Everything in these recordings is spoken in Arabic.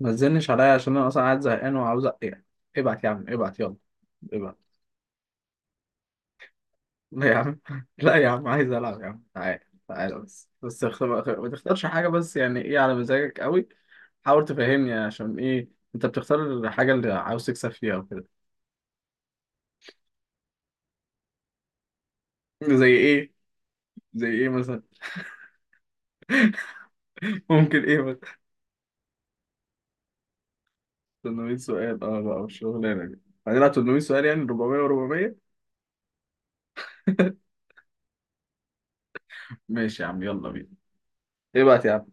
ما تزنش عليا عشان انا اصلا قاعد زهقان وعاوز يعني. ابعت يا عم، ابعت يلا، ابعت. لا يا عم، لا يا عم، عايز العب يا عم. تعالى تعالى، بس ما تختارش حاجه، بس يعني ايه على مزاجك قوي؟ حاول تفهمني عشان ايه انت بتختار الحاجه اللي عاوز تكسب فيها وكده. زي ايه؟ زي ايه مثلا؟ ممكن ايه مثلا؟ 800 سؤال، اه بقى والشغلانه دي؟ هنلعب 800 سؤال يعني 400 و400؟ ماشي يا عم، يلا بينا، ابعت يا عم.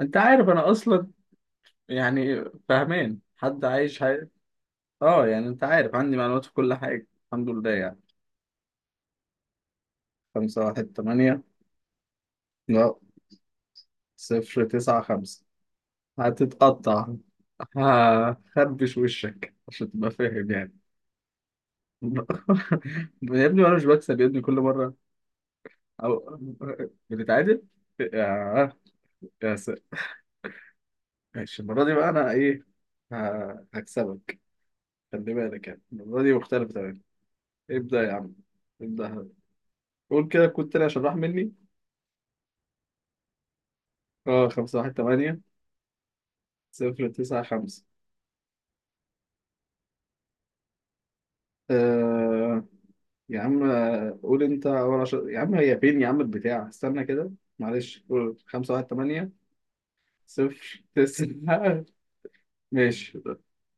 انت عارف انا اصلا، يعني فاهمان حد عايش؟ اه، يعني انت عارف عندي معلومات في كل حاجة الحمد لله يعني. خمسة واحد تمانية، لا، صفر تسعة خمسة، هتتقطع. هخربش وشك عشان تبقى فاهم يعني. يا ابني وانا مش بكسب يا ابني كل مرة؟ او بنتعادل. يا، يا ساتر. ماشي، المرة دي بقى انا ايه، هكسبك. خلي بالك، يعني المرة دي مختلفة تماما. ابدأ يا عم، ابدأ. قول كده كنت تاني عشان راح مني. اه، خمسة واحد تمانية، صفر تسعة خمسة. آه، يا عم، قول انت اول عشر يا عم. هي فين يا عم البتاع؟ استنى كده، معلش، قول خمسة واحد تمانية، صفر تسعة. ماشي.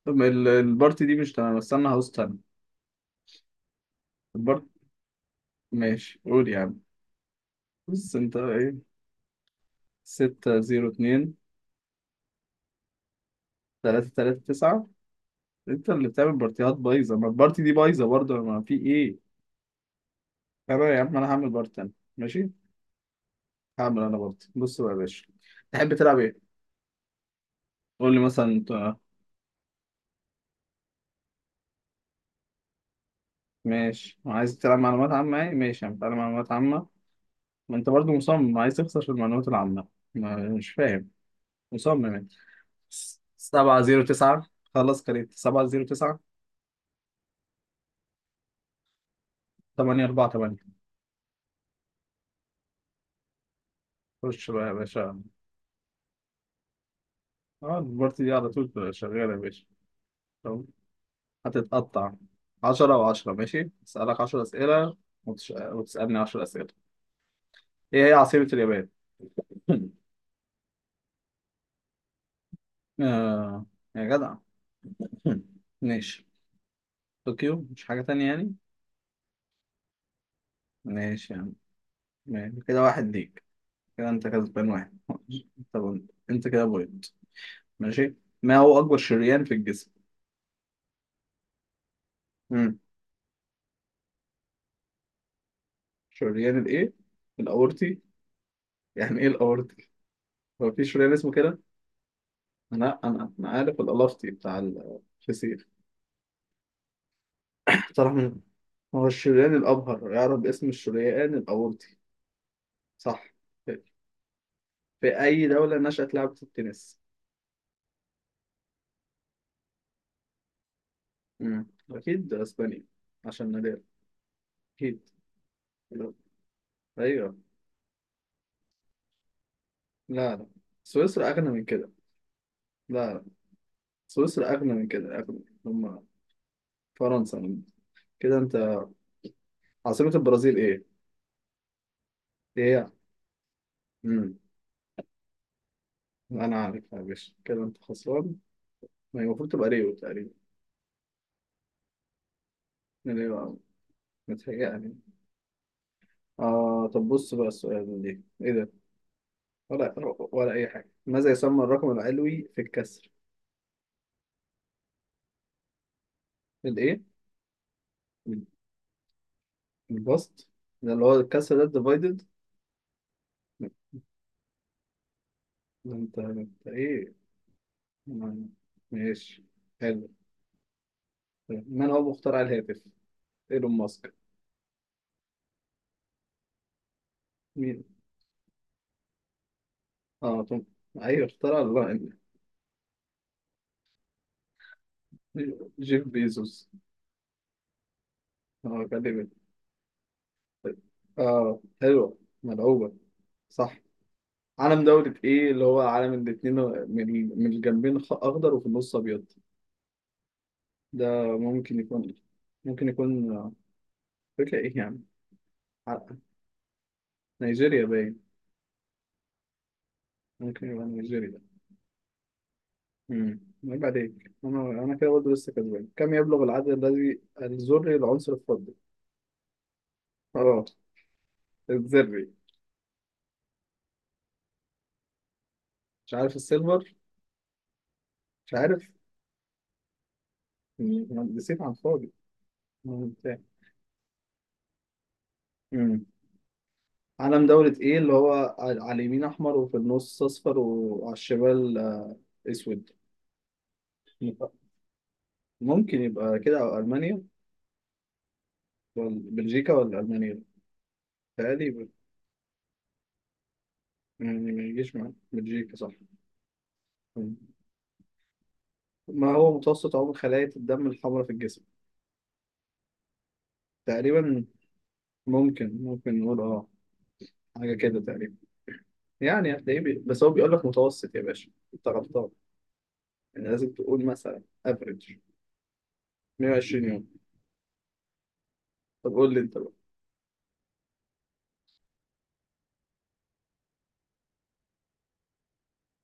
طب البارتي دي مش تمام، استنى هوست تاني. البارت، ماشي قول يا عم. بص انت ايه، ستة زيرو اتنين، تلاتة تلاتة تسعة. انت اللي بتعمل بارتيات بايظة، ما البارتي دي بايظة برضه، ما في ايه؟ انا يا عم، انا هعمل بارت تاني، ماشي. هعمل انا بارتي، بص بقى يا باشا. تحب تلعب ايه؟ قول لي مثلا انت. ماشي، عايز تلعب معلومات عامة، يعني ماشي هنتعلم معلومات عامة. ما انت برضو مصمم عايز تخسر في المعلومات العامة، ما مش فاهم. مصمم انت. سبعة زيرو تسعة، خلص كريت، سبعة زيرو تسعة، تمانية أربعة تمانية. خش بقى يا باشا. اه البارتي دي على طول شغالة يا باشا. طب، هتتقطع. 10 و10 ماشي، أسألك 10 أسئلة وتسألني 10 أسئلة. إيه هي عاصمة اليابان؟ آه، يا جدع. ماشي، طوكيو مش حاجة تانية يعني؟ ماشي يعني. ماشي، كده واحد ليك. كده انت كسبان واحد. طب انت كده بوينت، ماشي. ما هو اكبر شريان في الجسم؟ امم، شريان الايه، الاورطي؟ يعني ايه الاورطي؟ هو في شريان اسمه كده؟ لا، انا عارف الالفتي بتاع الفسيخ. طرح، من هو الشريان الابهر يعرف باسم الشريان الاورطي؟ صح. في اي دوله نشأت لعبه التنس؟ امم، اكيد اسبانيا، عشان نادال، اكيد، ايوه. لا لا، سويسرا اغنى من كده. لا، سويسرا أغنى من كده، أغنى هم فرنسا. كده أنت. عاصمة البرازيل إيه؟ إيه؟ مم. أنا عارف يا باشا، كده أنت خسران. ما هي المفروض تبقى ريو تقريبا. ريو أو، متهيألي. آه، طب بص بقى، السؤال ده إيه ده؟ ولا ولا أي حاجة. ماذا يسمى الرقم العلوي في الكسر؟ الإيه؟ البسط، ده اللي هو الكسر ده الديفايدد. أنت إيه؟ ما- ماشي، حلو. طيب، من هو مخترع الهاتف؟ ايلون ماسك؟ مين؟ اه طب، ايوه اخترع الله. جيف بيزوس. اه كلمة، اه حلوة ملعوبة. صح. علم دولة ايه اللي هو علم الاتنين من الجنبين، اخضر وفي النص ابيض؟ ده ممكن يكون، ممكن يكون آه، فكرة ايه يعني؟ ع- نيجيريا باين، ممكن يبقى نيجيريا. امم، عيب عليك، انا كده برضه لسه كسبان. كم يبلغ العدد الذري العنصر الفضي؟ اه، الذري، مش عارف السيلفر، مش عارف. مم. نسيت عن فاضي. مم، فاهم. مم. علم دولة ايه اللي هو على اليمين احمر وفي النص اصفر وعلى الشمال آه، اسود؟ ممكن يبقى كده، او المانيا، ولا بلجيكا، ولا المانيا تقريبا. يعني ما يجيش معايا بلجيكا، صح. مم. ما هو متوسط عمر خلايا الدم الحمراء في الجسم تقريبا؟ ممكن نقول اه حاجة كده تقريبا، يعني هتلاقيه بس هو بيقول لك متوسط يا باشا، انت غلطان. يعني لازم تقول مثلا افريج 120 يوم. طب قول لي انت.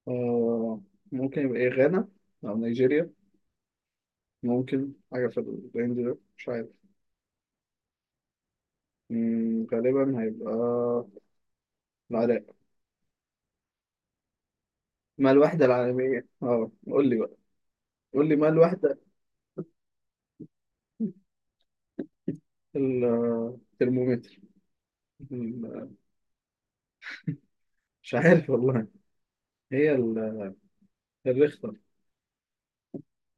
آه ممكن يبقى إيه، غانا أو نيجيريا، ممكن حاجة في الرينج ده، مش عارف. مم، غالبا هيبقى العراق. ما الوحدة العالمية، اه قول لي بقى، قول لي ما الوحدة. ال- الترمومتر، ال- مش عارف والله. هي الريختر،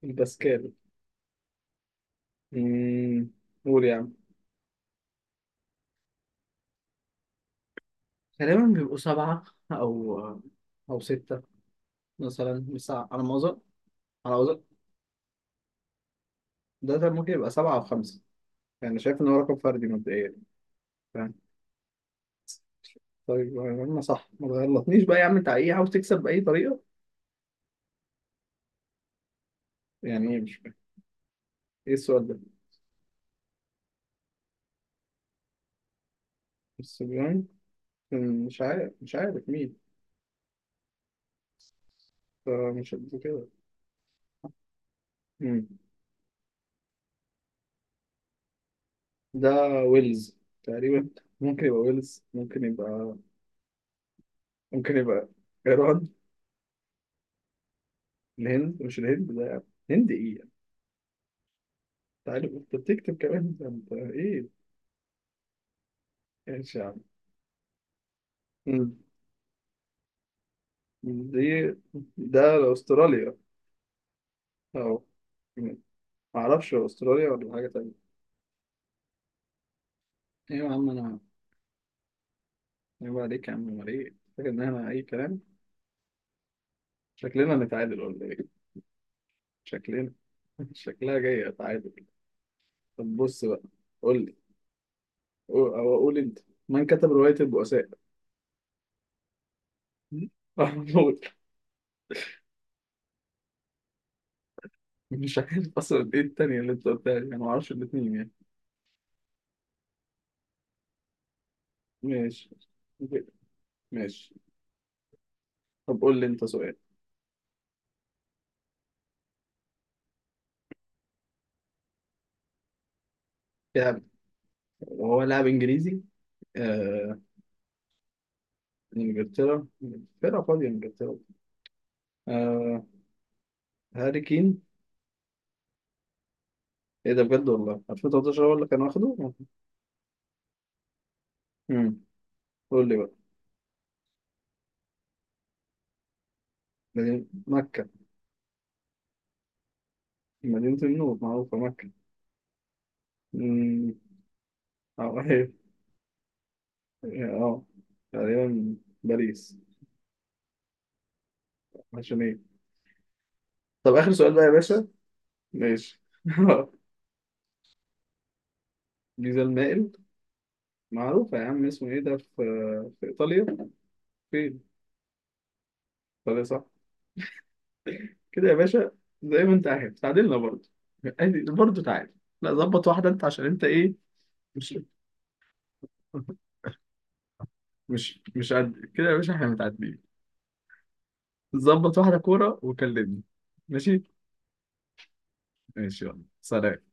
الباسكال. مم، قول يا عم. غالبا بيبقوا سبعة، أو أو ستة مثلا، بس على ما أظن. على ما أظن ده، ممكن يبقى سبعة أو خمسة يعني، شايف إن هو رقم فردي مبدئيا. طيب انا صح، ما تغلطنيش بقى يا عم، انت ايه عاوز تكسب باي طريقه؟ يعني ايه؟ مش فاهم. ايه السؤال ده؟ الصبيان، مش عارف، مش عارف مين، فمش قد كده. مم. ده ويلز تقريبا، ممكن يبقى ويلز، ممكن يبقى، ممكن يبقى ايران. الهند، مش الهند ده، الهند ايه يعني؟ انت عارف انت بتكتب كمان، ده انت ايه؟ ايش يا عم. مم. دي، ده استراليا، اهو، معرفش هو استراليا ولا حاجه تانيه. ايوه يا عم انا، يبقى عليك يا عم، امال ايه فاكر ان احنا اي كلام؟ شكلنا نتعادل ولا ايه؟ شكلنا، شكلها جاية تعادل. طب بص بقى، قول لي، أو أقول أنت، من كتب رواية البؤساء؟ م? محمود. مش عارف أصلا إيه التانية اللي أنت قلتها دي، أنا معرفش الاتنين يعني. ماشي. ماشي، طب قول لي أنت سؤال. لاعب، هو لاعب إنجليزي، آه... إنجلترا، إنجلترا فاضية، إنجلترا، آه... هاري كين. إيه ده بجد والله، 2013 هو اللي كان واخده؟ مم. قول لي بقى. مدينة مكة. مدينة النور معروفة مكة. أمم، أو إيه، أه، تقريبا باريس. عشان إيه؟ طب آخر سؤال بقى يا باشا، ماشي. جيزة المائل، معروفة يا عم اسمه إيه ده، في في إيطاليا. فين؟ إيطاليا صح. كده يا باشا، زي ما أنت عارف تعادلنا برضه، عادي، برضه تعادل. لا، ظبط واحدة أنت، عشان أنت إيه. مش مش قد كده يا باشا، إحنا متعادلين. ظبط واحدة كورة وكلمني. ماشي، ماشي يلا سلام.